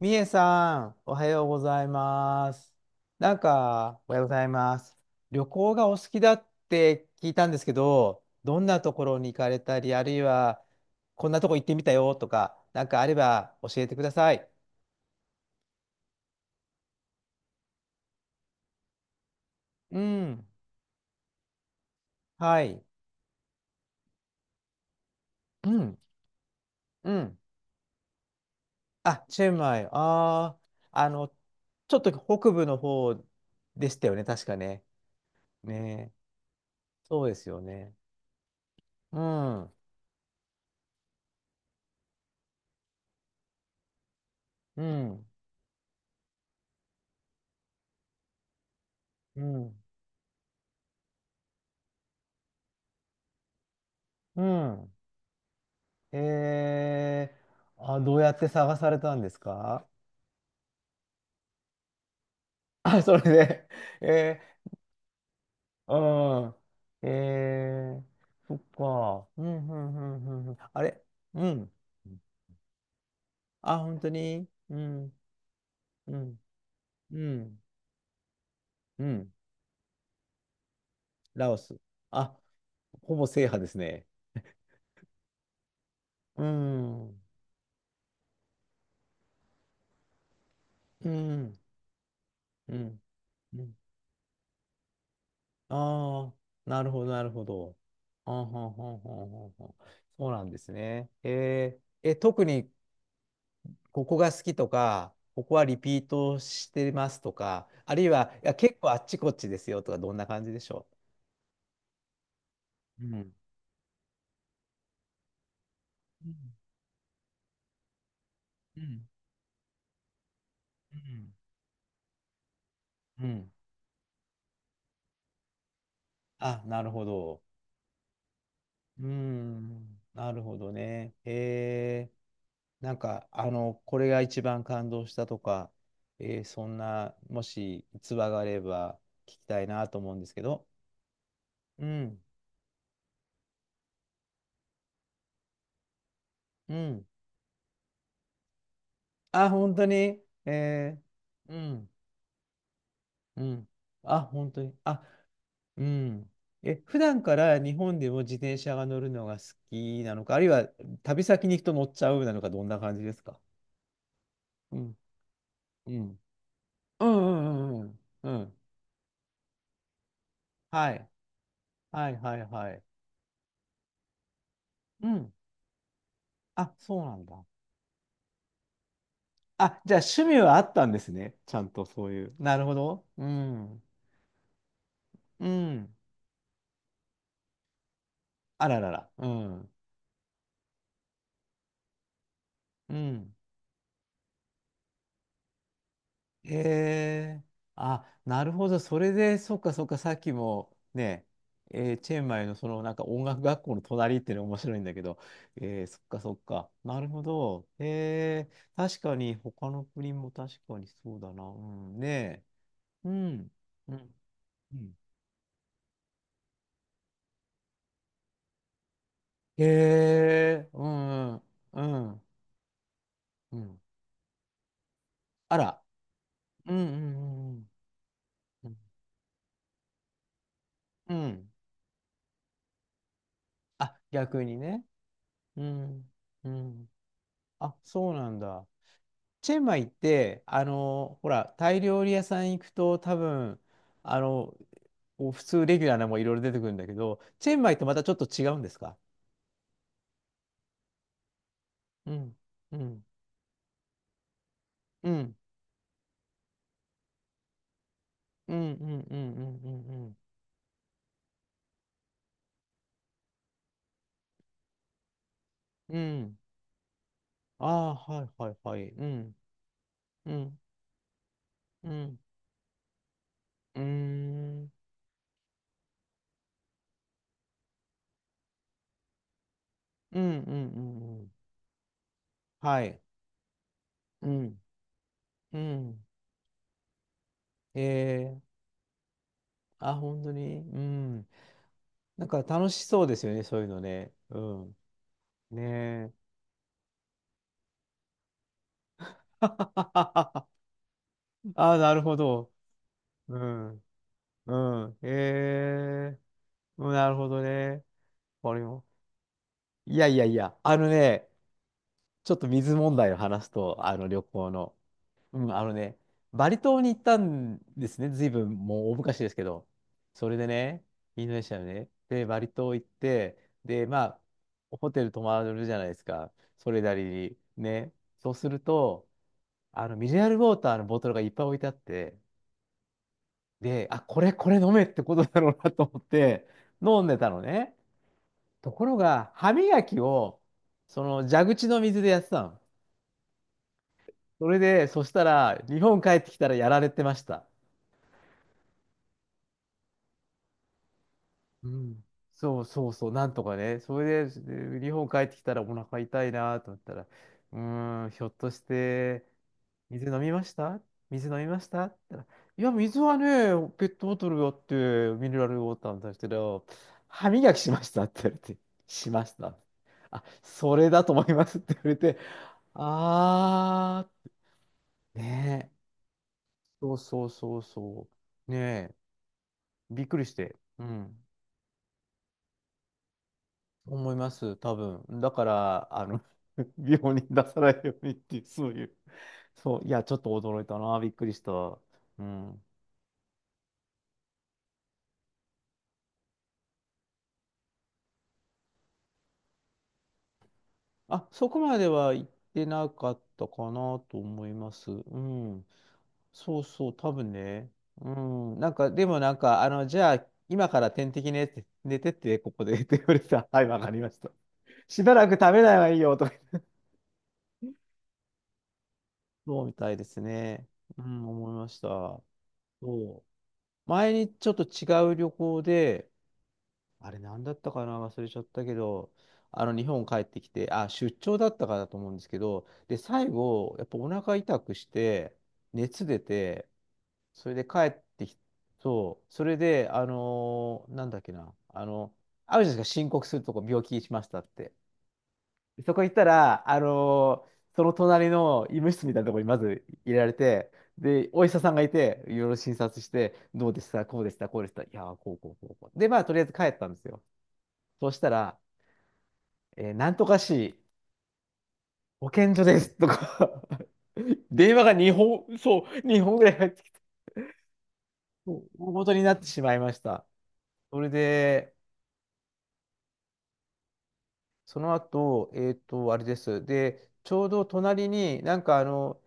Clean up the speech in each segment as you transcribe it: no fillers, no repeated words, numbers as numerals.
みえさん、おはようございます。おはようございます。旅行がお好きだって聞いたんですけど、どんなところに行かれたり、あるいは、こんなとこ行ってみたよとか、あれば教えてください。うん。はい。うん。うん。あ、チェンマイ。ああ、あの、ちょっと北部の方でしたよね、確かね。ねえ。そうですよね。うん。うん。うん。うん。えあ、どうやって探されたんですか？ あ、それで、えー、うん、そっか、うん、うん、うん、うん、うんあれ、うん、あ、本当に、うん、うん、うん、うん、ラオス。あ、ほぼ制覇ですね。うん、うん、うん、うん。ああ、なるほど、なるほど。あはんはんはんはんはん、そうなんですね。え、特にここが好きとか、ここはリピートしてますとか、あるいは、いや、結構あっちこっちですよとか、どんな感じでしょう？うん。うん。うん。うん。あ、なるほど。うん。なるほどね。へえ。これが一番感動したとか、そんな、もし逸話があれば聞きたいなと思うんですけど。うん。うん。あ、本当に。うん。うん。あ、本当に。あ、うん。え、普段から日本でも自転車が乗るのが好きなのか、あるいは旅先に行くと乗っちゃうなのか、どんな感じですか？うん。うん。うんうんうんうん。うん。はい。はいはいはい。うん。あ、そうなんだ。あ、じゃあ趣味はあったんですね。ちゃんとそういう。なるほど。うん。うん。あららら。うん。うん。へえ。あ、なるほど。それで、そっかそっか、さっきもね、チェンマイのそのなんか音楽学校の隣っていうのが面白いんだけど、そっかそっか。なるほど。へえ。確かに、他の国も確かにそうだな。うん、ねえ。うん。うん。うんへえ。うん。うん。うん。あら。うんうんうんうん。うん。うんあ、逆にね。うん。うん。あ、そうなんだ。チェンマイって、ほら、タイ料理屋さん行くと多分、あの、こう普通レギュラーなのもいろいろ出てくるんだけど、チェンマイとまたちょっと違うんですか？うん、うん、うん、うん、うん、うん、うん、うん、うん。うん、ああ、はいはいはい。うん、うん、うん、うーん、うん、うん、うん、うん。はい。うん、うん。ええ、あ、本当に。うん。なんか楽しそうですよね、そういうのね。うん。ねえ。ああ、なるほど。うん。うん。ええ、うん、なるほどね。これも。いやいやいや、ちょっと水問題を話すと、あの旅行の。うん、あのね、バリ島に行ったんですね。ずいぶんもう大昔ですけど。それでね、インドネシアのね。で、バリ島行って、で、まあ、ホテル泊まるじゃないですか。それなりに。ね。そうすると、ミネラルウォーターのボトルがいっぱい置いてあって、で、あ、これ飲めってことだろうなと思って飲んでたのね。ところが、歯磨きを、その蛇口の水でやってたの。それで、そしたら、日本帰ってきたらやられてました。うん。そうそうそう、なんとかね。それで、で日本帰ってきたらお腹痛いなと思ったら、うーん、ひょっとして、水飲みました水飲みましたって言ったら、いや、水はね、ペットボトルがあって、ミネラルウォーターなんですけど、歯磨きしましたって言われて、しました。あ、それだと思いますって言われて、あー、ねえ、そうそうそうそう、ねえ、びっくりして、うん。思います、多分。だから、病に出さないようにっていう、そういう、そう、いや、ちょっと驚いたな、びっくりした。うん。あ、そこまでは行ってなかったかなと思います。うん。そうそう、多分ね。うん。なんか、でもなんか、あの、じゃあ、今から点滴ねって、寝てって、ここで って言われてた。はい、わかりました。しばらく食べないはいいよ、とか言って。そうみたいですね。うん、思いました。そう。前にちょっと違う旅行で、あれ何だったかな忘れちゃったけど、あの日本帰ってきて、あ、出張だったかだと思うんですけど、で、最後、やっぱお腹痛くして、熱出て、それで帰ってき、そう、それで、なんだっけな、あるじゃないですか、申告するとこ病気しましたって。そこ行ったら、その隣の医務室みたいなところにまず入れられて、で、お医者さんがいて、いろいろ診察して、どうでした、こうでした、こうでした、いやー、こうこうこうこう。で、まあ、とりあえず帰ったんですよ。そうしたら、なんとか市保健所ですとか 電話が2本、そう、2本ぐらい入ってきて、そう大ごとになってしまいました。それで、その後、えっと、あれです。で、ちょうど隣になんかあの、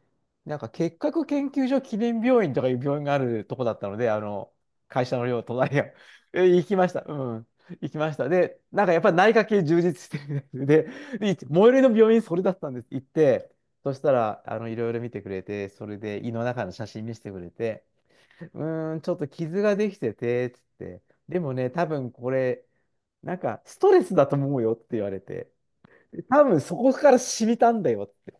なんか結核研究所記念病院とかいう病院があるとこだったので、あの、会社の寮隣が。え、行きました。うん。行きました。で、なんかやっぱり内科系充実してるみたいで、で、い最寄りの病院それだったんです。行って、そしたら、いろいろ見てくれて、それで胃の中の写真見せてくれて、うーん、ちょっと傷ができてて、つって、でもね、多分これ、なんかストレスだと思うよって言われて、多分そこから染みたんだよって。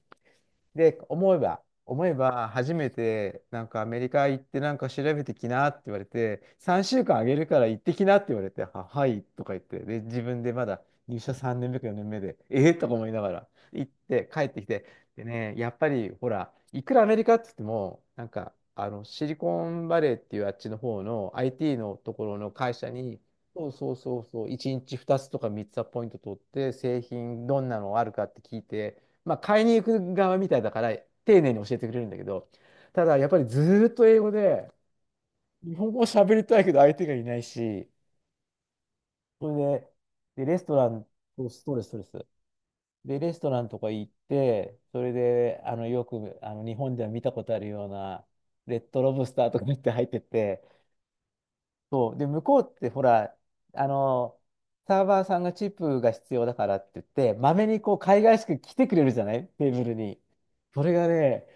で、思えば、初めて、なんかアメリカ行ってなんか調べてきなって言われて、3週間あげるから行ってきなって言われて、は、はいとか言って、で、自分でまだ入社3年目か4年目で、ええとか思いながら行って帰ってきて、でね、やっぱりほら、いくらアメリカって言っても、シリコンバレーっていうあっちの方の IT のところの会社に、そうそうそうそう、1日2つとか3つはポイント取って、製品どんなのあるかって聞いて、まあ、買いに行く側みたいだから、丁寧に教えてくれるんだけど、ただ、やっぱりずーっと英語で、日本語を喋りたいけど相手がいないし、それで、で、レストラン、そうストレス、ストレス。で、レストランとか行って、それで、よく、日本では見たことあるような、レッドロブスターとかって入ってて、そう。で、向こうって、ほら、あの、サーバーさんがチップが必要だからって言って、まめにこう、海外しく来てくれるじゃないテーブルに。それがね、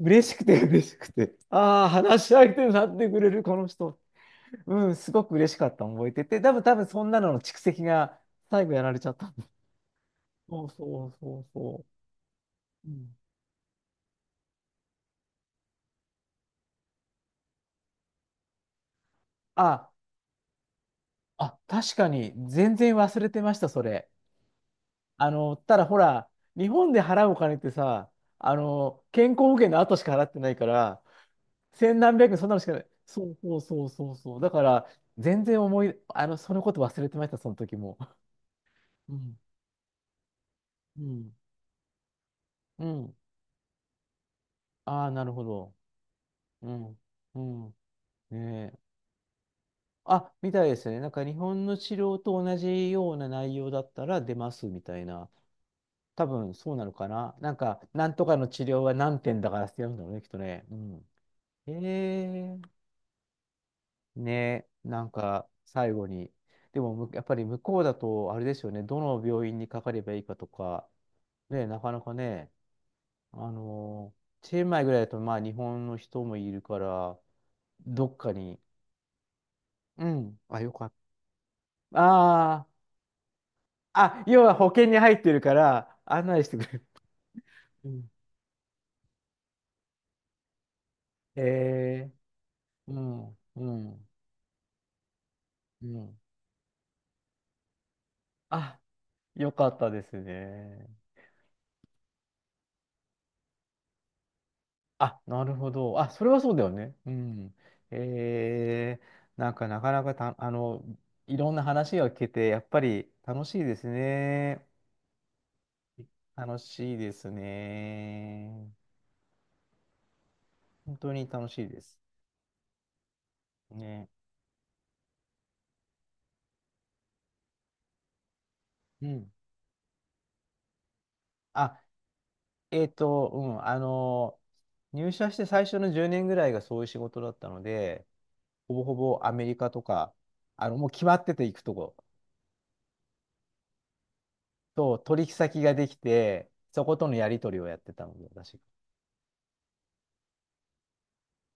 嬉しくて 嬉しくて、ああ、話し相手になってくれる、この人。うん、すごく嬉しかったの覚えてて、多分そんなのの蓄積が最後やられちゃった。そうそうそうそう。うんあ、あ、確かに、全然忘れてました、それ。ただほら、日本で払うお金ってさ、健康保険の後しか払ってないから、千何百円、そんなのしかない。そうそうそうそうそう。だから、全然思い、そのこと忘れてました、その時も。うん、うん、うん。ああ、なるほど。うん。うん。ねえ。あ、みたいですね。なんか日本の治療と同じような内容だったら出ますみたいな。多分そうなのかな。なんか、なんとかの治療は何点だからってやるんだろうね、きっとね。うん。へえ。ねえ。なんか、最後に。でも、むやっぱり向こうだと、あれですよね。どの病院にかかればいいかとか、ねえ、なかなかね、あのチェンマイぐらいだと、まあ、日本の人もいるから、どっかに、うん。あ、よかった。ああ、あ、要は保険に入ってるから案内してくれる。うんへえ、うん、うん、うん。あ、よかったですね。あ、なるほど。あ、それはそうだよね。うん。ええ、なんかなかなかた、いろんな話が聞けて、やっぱり楽しいですね。楽しいですね。本当に楽しいです。ね。うん。あ、えっと、うん、入社して最初の10年ぐらいがそういう仕事だったので、ほぼほぼアメリカとか、もう決まってて行くとこと、取引先ができて、そことのやり取りをやってたので、私。